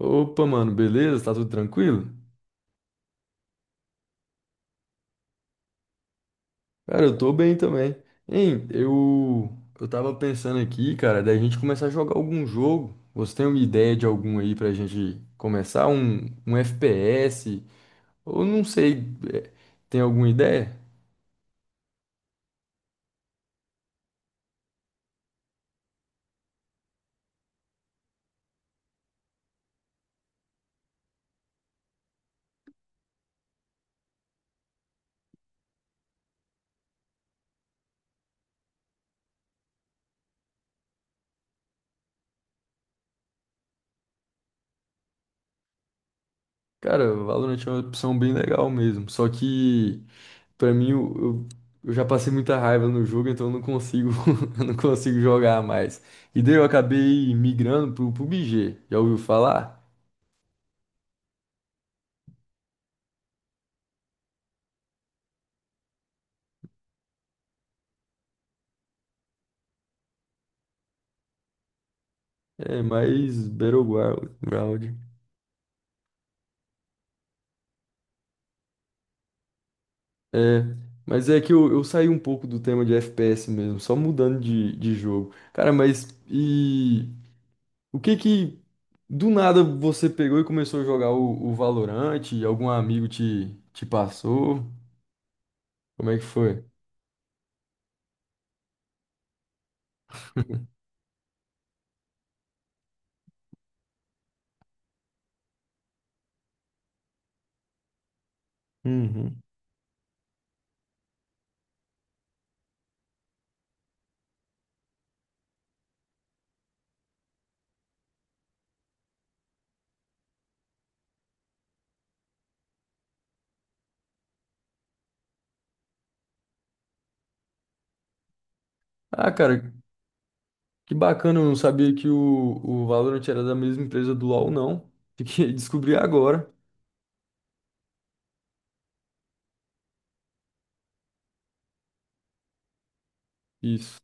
Opa, mano, beleza? Tá tudo tranquilo? Cara, eu tô bem também. Hein, eu tava pensando aqui, cara, da gente começar a jogar algum jogo. Você tem uma ideia de algum aí pra gente começar? Um FPS? Ou não sei, é, tem alguma ideia? Cara, Valorant é uma opção bem legal mesmo. Só que, pra mim, eu já passei muita raiva no jogo, então eu não consigo, eu não consigo jogar mais. E daí eu acabei migrando pro PUBG. Já ouviu falar? É mais Battleground. Ground. É, mas é que eu saí um pouco do tema de FPS mesmo, só mudando de jogo. Cara, mas e o que que do nada você pegou e começou a jogar o Valorant? Algum amigo te passou? Como é que foi? Uhum. Ah, cara, que bacana, eu não sabia que o Valorant era da mesma empresa do LoL, não. Fiquei, descobri agora. Isso.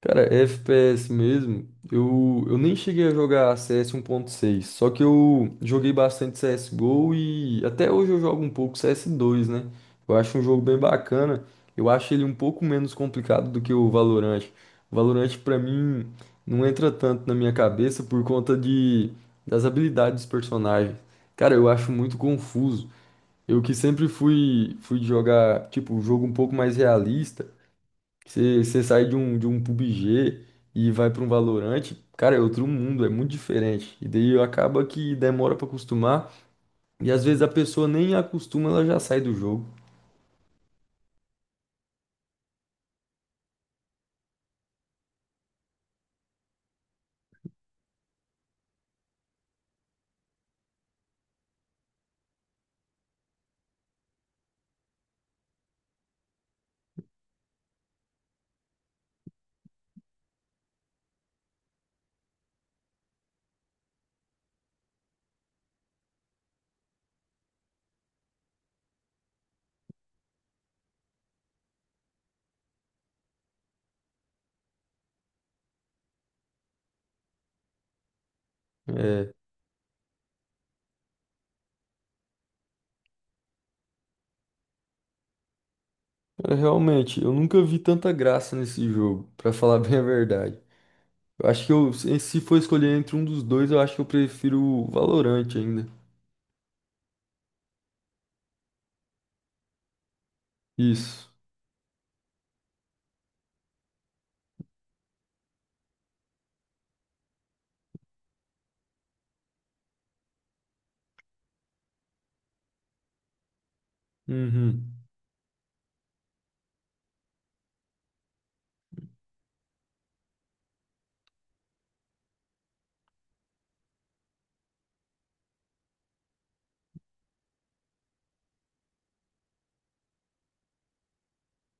Cara, FPS mesmo, eu nem cheguei a jogar CS 1.6, só que eu joguei bastante CSGO e até hoje eu jogo um pouco CS2, né? Eu acho um jogo bem bacana, eu acho ele um pouco menos complicado do que o Valorant. O Valorant pra mim não entra tanto na minha cabeça por conta de, das habilidades dos personagens. Cara, eu acho muito confuso. Eu que sempre fui jogar, tipo, um jogo um pouco mais realista. Você sai de um PUBG e vai para um Valorant, cara, é outro mundo, é muito diferente. E daí acaba que demora para acostumar, e às vezes a pessoa nem acostuma, ela já sai do jogo. É, é, realmente, eu nunca vi tanta graça nesse jogo, para falar bem a verdade. Eu acho que eu, se for escolher entre um dos dois, eu acho que eu prefiro o Valorant ainda. Isso. Uhum.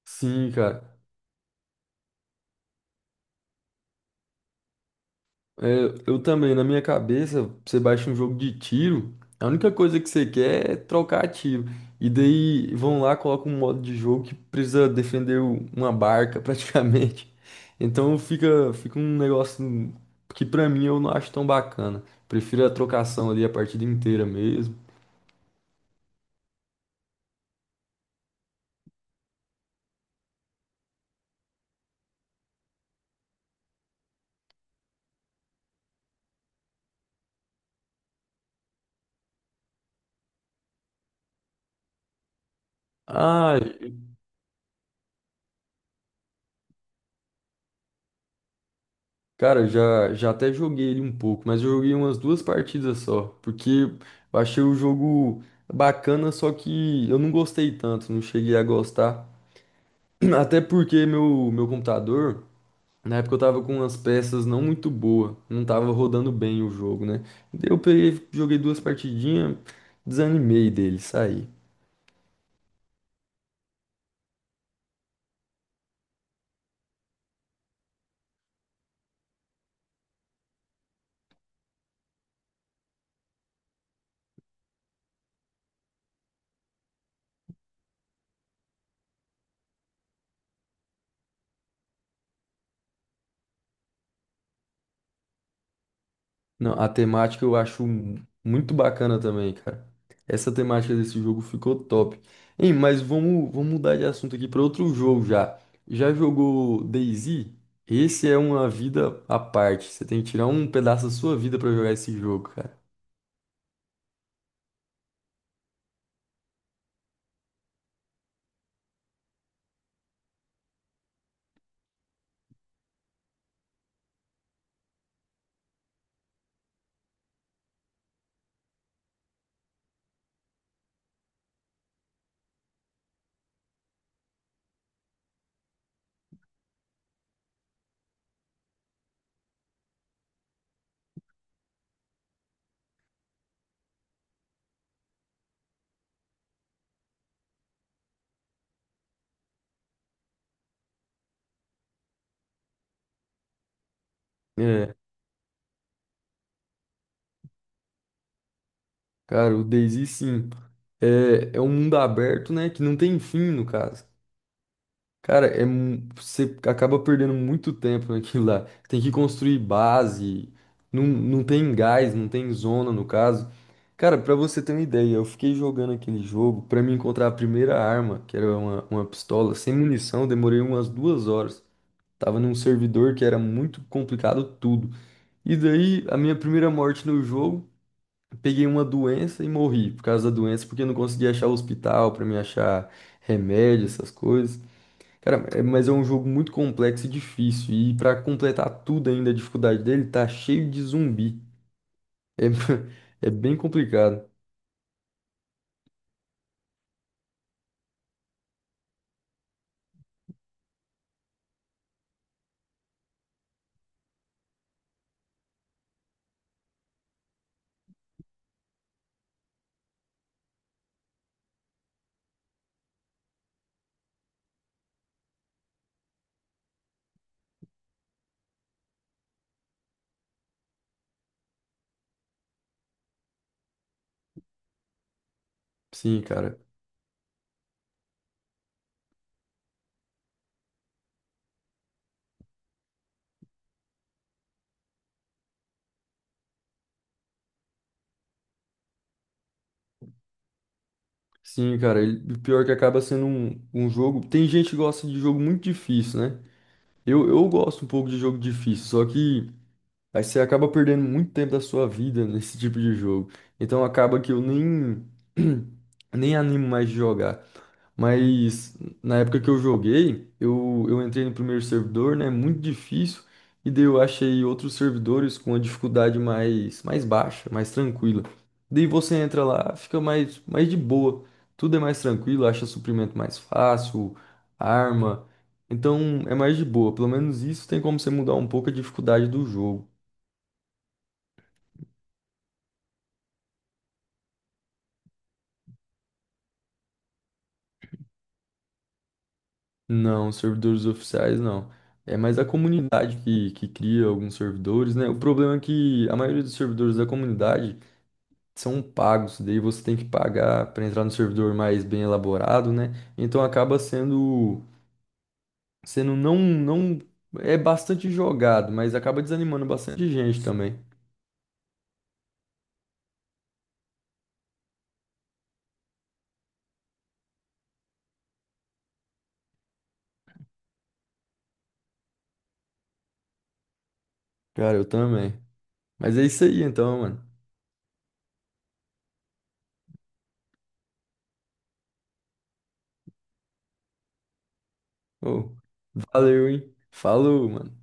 Sim, cara. É, eu também, na minha cabeça, você baixa um jogo de tiro, a única coisa que você quer é trocar tiro. E daí vão lá, colocam um modo de jogo que precisa defender o- uma barca praticamente. Então fica um negócio que pra mim eu não acho tão bacana. Prefiro a trocação ali a partida inteira mesmo. Ah, cara, já até joguei ele um pouco, mas eu joguei umas duas partidas só, porque eu achei o jogo bacana, só que eu não gostei tanto, não cheguei a gostar. Até porque meu computador, na época eu tava com umas peças não muito boas, não tava rodando bem o jogo, né? Daí eu peguei, joguei duas partidinhas, desanimei dele, saí. Não, a temática eu acho mu- muito bacana também, cara. Essa temática desse jogo ficou top. Hein, mas vamos mudar de assunto aqui para outro jogo já. Já jogou DayZ? Esse é uma vida à parte. Você tem que tirar um pedaço da sua vida para jogar esse jogo, cara. É, cara, o DayZ sim. É, é um mundo aberto, né? Que não tem fim, no caso. Cara, é, mu- você acaba perdendo muito tempo naquilo lá. Tem que construir base, não tem gás, não tem zona no caso. Cara, pra você ter uma ideia, eu fiquei jogando aquele jogo pra me encontrar a primeira arma, que era uma pistola, sem munição, demorei umas duas horas. Tava num servidor que era muito complicado tudo. E daí, a minha primeira morte no jogo, peguei uma doença e morri por causa da doença, porque eu não conseguia achar hospital pra me achar remédio, essas coisas. Cara, é- mas é um jogo muito complexo e difícil. E pra completar tudo ainda, a dificuldade dele tá cheio de zumbi. É, é bem complicado. Sim, cara. Sim, cara. Ele, o pior é que acaba sendo um jogo. Tem gente que gosta de jogo muito difícil, né? Eu gosto um pouco de jogo difícil, só que aí você acaba perdendo muito tempo da sua vida nesse tipo de jogo. Então acaba que eu nem, nem animo mais de jogar. Mas na época que eu joguei, eu entrei no primeiro servidor, né? Muito difícil. E daí eu achei outros servidores com a dificuldade mais baixa, mais tranquila. Daí você entra lá, fica mais de boa. Tudo é mais tranquilo, acha suprimento mais fácil, arma. Então é mais de boa. Pelo menos isso tem como você mudar um pouco a dificuldade do jogo. Não, servidores oficiais não. É mais a comunidade que cria alguns servidores, né? O problema é que a maioria dos servidores da comunidade são pagos, daí você tem que pagar para entrar no servidor mais bem elaborado, né? Então acaba sendo não, é bastante jogado, mas acaba desanimando bastante gente também. Cara, eu também. Mas é isso aí então, mano. Ô, valeu, hein? Falou, mano.